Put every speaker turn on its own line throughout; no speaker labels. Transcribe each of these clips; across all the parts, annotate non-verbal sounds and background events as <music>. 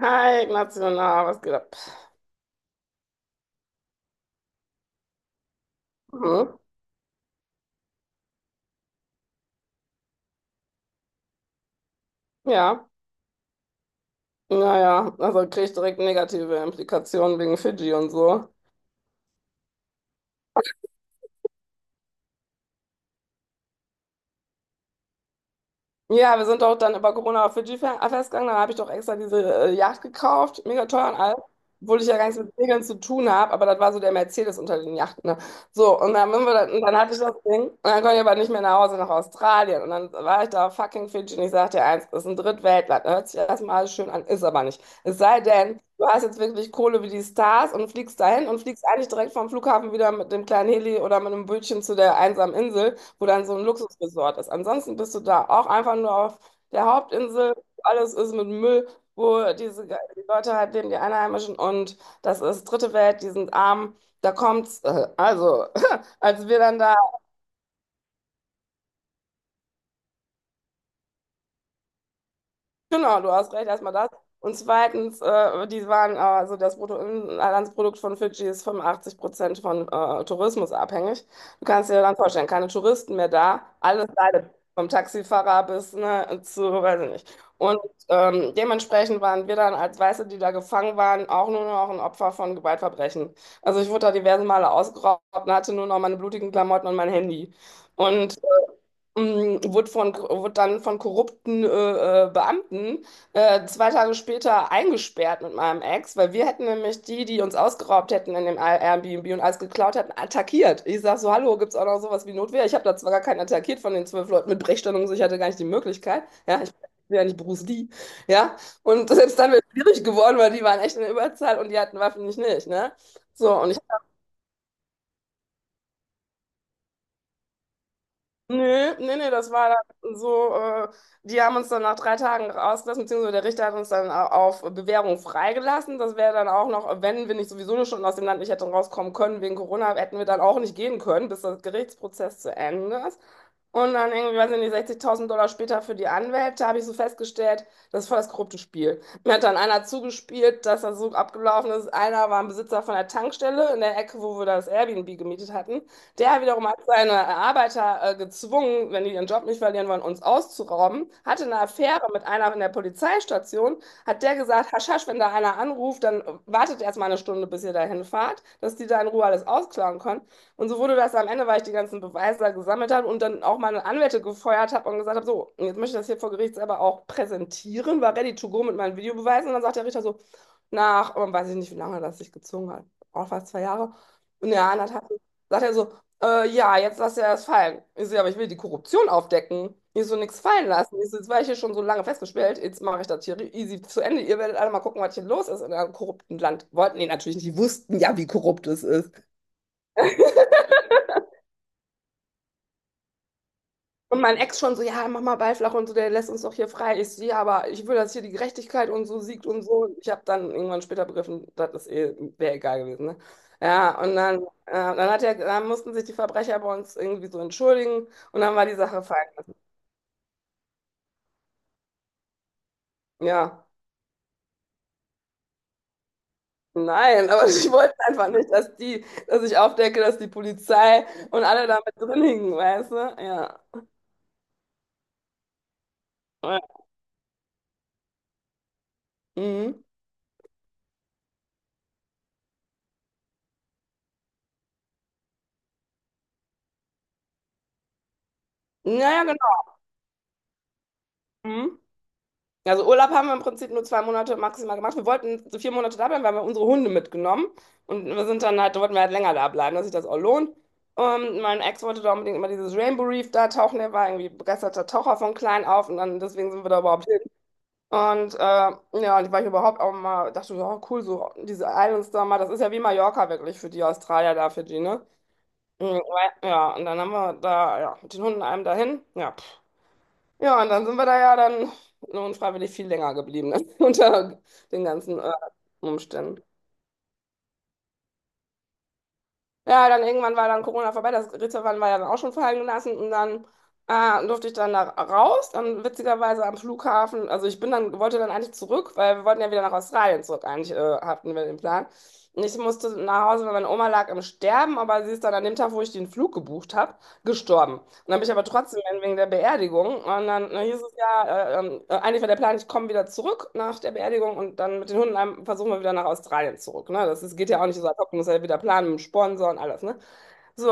Hi, Ignacio, was geht ab? Mhm. Ja, naja, also kriege ich direkt negative Implikationen wegen Fidschi und so. Ja, wir sind doch dann über Corona auf Fidschi festgegangen. Dann habe ich doch extra diese Yacht gekauft, mega teuer und alles, obwohl ich ja gar nichts mit Segeln zu tun habe, aber das war so der Mercedes unter den Yachten. Ne? So, und dann sind wir da, und dann hatte ich das Ding und dann konnte ich aber nicht mehr nach Hause, nach Australien. Und dann war ich da auf fucking Fidschi und ich sagte dir eins, das ist ein Drittweltland, ne? Hört sich erstmal alles schön an, ist aber nicht. Es sei denn, du hast jetzt wirklich Kohle wie die Stars und fliegst dahin und fliegst eigentlich direkt vom Flughafen wieder mit dem kleinen Heli oder mit einem Bötchen zu der einsamen Insel, wo dann so ein Luxusresort ist. Ansonsten bist du da auch einfach nur auf der Hauptinsel. Alles ist mit Müll, wo diese die Leute halt leben, die Einheimischen. Und das ist dritte Welt, die sind arm. Da kommt's. Also, <laughs> als wir dann da. Genau, du hast recht, erstmal das. Und zweitens, die waren, also das Bruttoinlandsprodukt von Fidschi ist 85% von Tourismus abhängig. Du kannst dir dann vorstellen, keine Touristen mehr da, alles leidet, vom Taxifahrer bis ne, zu, weiß ich nicht. Und dementsprechend waren wir dann als Weiße, die da gefangen waren, auch nur noch ein Opfer von Gewaltverbrechen. Also ich wurde da diverse Male ausgeraubt und hatte nur noch meine blutigen Klamotten und mein Handy. Und wurde dann von korrupten Beamten 2 Tage später eingesperrt mit meinem Ex, weil wir hätten nämlich die, die uns ausgeraubt hätten in dem Airbnb und alles geklaut hätten, attackiert. Ich sag so, hallo, gibt's auch noch sowas wie Notwehr? Ich habe da zwar gar keinen attackiert von den 12 Leuten mit Brechstangen, und so, ich hatte gar nicht die Möglichkeit. Ja, ich bin ja nicht Bruce Lee. Ja, und <laughs> selbst dann wäre es schwierig geworden, weil die waren echt in der Überzahl und die hatten Waffen, nicht, ne? So, und Nö, das war dann so, die haben uns dann nach 3 Tagen rausgelassen, beziehungsweise der Richter hat uns dann auf Bewährung freigelassen. Das wäre dann auch noch, wenn wir nicht sowieso nur schon aus dem Land nicht hätten rauskommen können wegen Corona, hätten wir dann auch nicht gehen können, bis der Gerichtsprozess zu Ende ist. Und dann irgendwie, weiß ich nicht, 60.000 Dollar später für die Anwälte habe ich so festgestellt, das ist voll das korrupte Spiel. Mir hat dann einer zugespielt, dass das so abgelaufen ist. Einer war ein Besitzer von der Tankstelle in der Ecke, wo wir das Airbnb gemietet hatten. Der wiederum hat seine Arbeiter gezwungen, wenn die ihren Job nicht verlieren wollen, uns auszurauben. Hatte eine Affäre mit einer in der Polizeistation. Hat der gesagt, hasch, hasch, wenn da einer anruft, dann wartet erst mal 1 Stunde, bis ihr dahin fahrt, dass die da in Ruhe alles ausklauen können. Und so wurde das am Ende, weil ich die ganzen Beweise da gesammelt habe und dann auch meine Anwälte gefeuert habe und gesagt habe, so, jetzt möchte ich das hier vor Gericht selber auch präsentieren, war ready to go mit meinen Videobeweisen. Und dann sagt der Richter so, nach, weiß ich nicht, wie lange das sich gezogen hat, auch fast 2 Jahre. Und ja, anderthalb, sagt er so, ja, jetzt lass ja das fallen. Ich so, ja, aber ich will die Korruption aufdecken. Ich so, nix fallen lassen. Ich so, jetzt war ich hier schon so lange festgesperrt. Jetzt mache ich das hier easy zu Ende. Ihr werdet alle mal gucken, was hier los ist in einem korrupten Land. Wollten die natürlich nicht. Die wussten ja, wie korrupt es ist. Und mein Ex schon so, ja, mach mal Ball flach und so, der lässt uns doch hier frei. Ich so, ja, aber ich will, dass hier die Gerechtigkeit und so siegt und so. Ich habe dann irgendwann später begriffen, das ist eh, wäre egal gewesen, ne? Ja, und dann, dann hat er, dann mussten sich die Verbrecher bei uns irgendwie so entschuldigen und dann war die Sache fein. Ja. Nein, aber <laughs> ich wollte einfach nicht, dass die, dass ich aufdecke, dass die Polizei und alle da mit drin hingen, weißt du? Ja. Ja. Mhm. Naja, genau. Mhm. Also Urlaub haben wir im Prinzip nur 2 Monate maximal gemacht. Wir wollten so 4 Monate da bleiben, weil wir unsere Hunde mitgenommen und wir sind dann halt, da wollten wir halt länger da bleiben, dass sich das auch lohnt. Und mein Ex wollte da unbedingt immer dieses Rainbow Reef da tauchen, der war irgendwie begeisterter Taucher von klein auf und dann deswegen sind wir da überhaupt. Und ja, und war ich überhaupt auch mal, dachte ich, oh cool, so diese Islands da mal, das ist ja wie Mallorca wirklich für die Australier da, für die, ne? Mhm. Ja, und dann haben wir da, ja, mit den Hunden einem dahin, ja. Pff. Ja, und dann sind wir da ja dann unfreiwillig viel länger geblieben, ne? <laughs> Unter den ganzen Umständen. Ja, dann irgendwann war dann Corona vorbei, das Ritterwand war ja dann auch schon fallen gelassen und dann durfte ich dann da raus. Dann witzigerweise am Flughafen, also ich bin dann, wollte dann eigentlich zurück, weil wir wollten ja wieder nach Australien zurück, eigentlich hatten wir den Plan. Und ich musste nach Hause, weil meine Oma lag im Sterben, aber sie ist dann an dem Tag, wo ich den Flug gebucht habe, gestorben und dann bin ich aber trotzdem hin wegen der Beerdigung. Und dann hieß es ja, eigentlich war der Plan, ich komme wieder zurück nach der Beerdigung und dann mit den Hunden versuchen wir wieder nach Australien zurück. Ne? Das ist, geht ja auch nicht so ad hoc, muss ja wieder planen mit dem Sponsor und alles. Ne? So,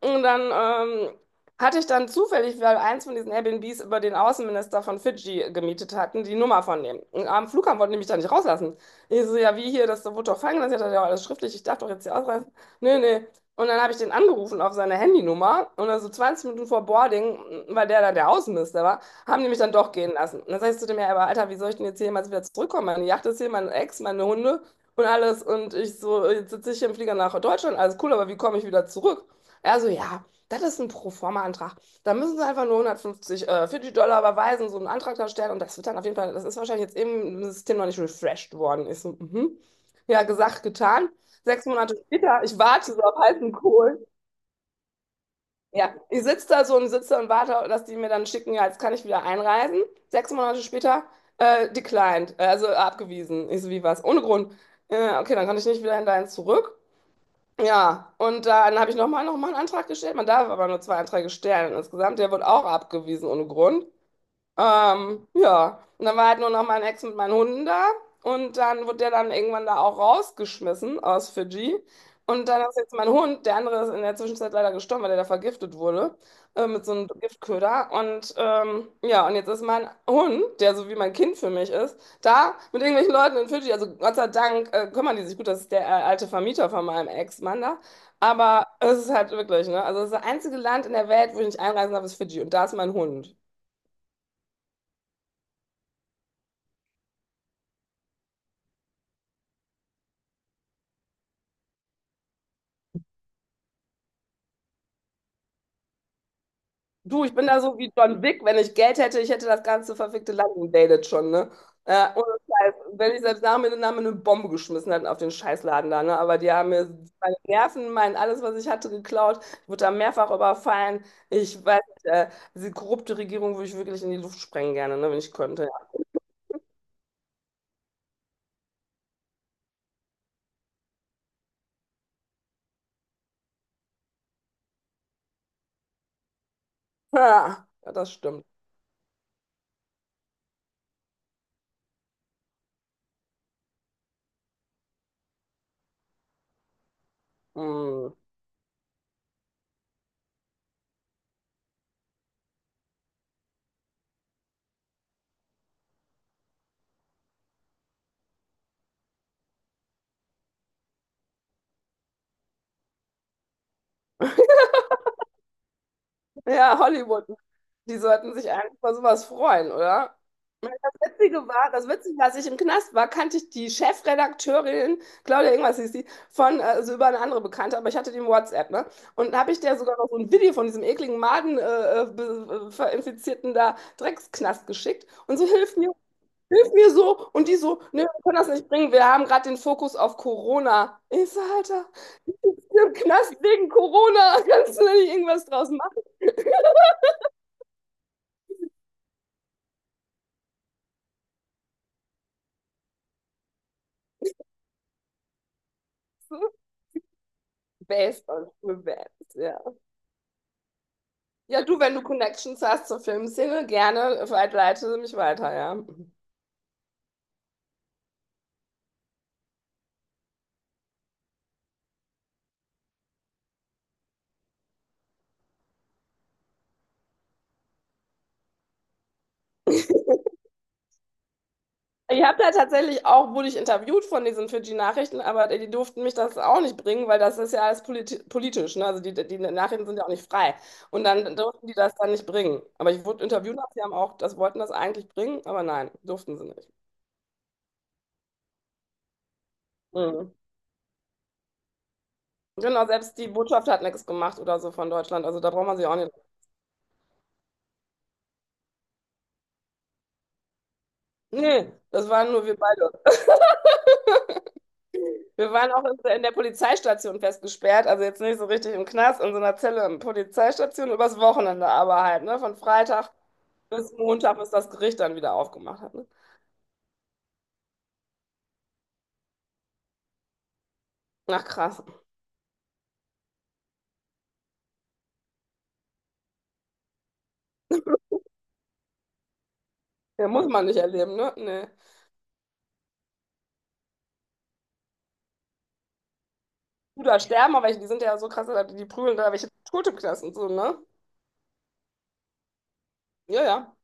und dann hatte ich dann zufällig, weil eins von diesen Airbnbs über den Außenminister von Fidschi gemietet hatten, die Nummer von dem. Und am Flughafen wollten die mich da nicht rauslassen. Ich so, ja, wie hier, das wurde doch fallen gelassen. Ich hatte ja alles schriftlich, ich darf doch jetzt hier ausreisen. Nee, nee. Und dann habe ich den angerufen auf seine Handynummer und dann so 20 Minuten vor Boarding, weil der dann der Außenminister war, haben die mich dann doch gehen lassen. Und dann sag ich zu dem, ja, aber Alter, wie soll ich denn jetzt hier jemals wieder zurückkommen? Meine Yacht ist hier, mein Ex, meine Hunde und alles. Und ich so, jetzt sitze ich hier im Flieger nach Deutschland, alles cool, aber wie komme ich wieder zurück? Er so, ja, das ist ein Proforma-Antrag. Da müssen Sie einfach nur 150 Fidschi-Dollar überweisen, so einen Antrag da stellen und das wird dann auf jeden Fall, das ist wahrscheinlich jetzt eben im System noch nicht refreshed worden. Ich so, mhm. Ja, gesagt, getan. 6 Monate später, ich warte so auf heißen Kohl. Ja, ich sitze da so und sitze und warte, dass die mir dann schicken, ja, jetzt kann ich wieder einreisen. 6 Monate später, declined, also abgewiesen. Ich so, wie was? Ohne Grund. Okay, dann kann ich nicht wieder hinterher zurück. Ja, und dann habe ich noch mal einen Antrag gestellt. Man darf aber nur 2 Anträge stellen insgesamt. Der wird auch abgewiesen ohne Grund. Ja, und dann war halt nur noch mein Ex mit meinen Hunden da und dann wurde der dann irgendwann da auch rausgeschmissen aus Fidschi. Und dann ist jetzt mein Hund, der andere ist in der Zwischenzeit leider gestorben, weil der da vergiftet wurde, mit so einem Giftköder. Und ja, und jetzt ist mein Hund, der so wie mein Kind für mich ist, da mit irgendwelchen Leuten in Fidschi. Also Gott sei Dank kümmern die sich gut, das ist der alte Vermieter von meinem Ex-Mann da. Aber es ist halt wirklich, ne? Also das einzige Land in der Welt, wo ich nicht einreisen darf, ist Fidschi. Und da ist mein Hund. Du, ich bin da so wie John Wick. Wenn ich Geld hätte, ich hätte das ganze verfickte Land invaded schon, ne? Ohne Scheiß. Wenn ich selbst nach mir eine Bombe geschmissen hätten auf den Scheißladen da, ne? Aber die haben mir meine Nerven, mein alles, was ich hatte, geklaut. Ich wurde da mehrfach überfallen. Ich weiß nicht, diese korrupte Regierung würde ich wirklich in die Luft sprengen gerne, ne? Wenn ich könnte. Ja, ha, ja das stimmt. Mm. Ja, Hollywood. Die sollten sich eigentlich über sowas freuen, oder? Witzige war, das Witzige, als ich im Knast war, kannte ich die Chefredakteurin, Claudia irgendwas hieß die, von, also über eine andere Bekannte, aber ich hatte die im WhatsApp, ne? Und habe ich der sogar noch so ein Video von diesem ekligen Maden verinfizierten da Drecksknast geschickt und so, hilf mir so. Und die so, nee, wir können das nicht bringen, wir haben gerade den Fokus auf Corona. Ich so, Alter, im Knast wegen Corona, <laughs> kannst du da nicht irgendwas draus machen? Based on, based, ja. Ja, du, wenn du Connections hast zur Filmszene, gerne vielleicht leite mich weiter, ja. Ich habe da tatsächlich auch, wurde ich interviewt von diesen Fidschi-Nachrichten, aber die, die durften mich das auch nicht bringen, weil das ist ja alles politisch, ne? Also die, die Nachrichten sind ja auch nicht frei. Und dann durften die das dann nicht bringen. Aber ich wurde interviewt, sie haben auch, das wollten das eigentlich bringen, aber nein, durften sie nicht. Mhm. Genau, selbst die Botschaft hat nichts gemacht oder so von Deutschland, also da braucht man sich auch nicht. Nee, das waren nur wir beide. Wir waren auch in der Polizeistation festgesperrt, also jetzt nicht so richtig im Knast, in so einer Zelle in der Polizeistation, übers Wochenende aber halt, ne? Von Freitag bis Montag, bis das Gericht dann wieder aufgemacht hat, ne? Ach krass. Ja, muss man nicht erleben, ne? Nee. Du da sterben, aber welche, die sind ja so krass, die, die prügeln da welche tot im Knast und so, ne? Ja, ja.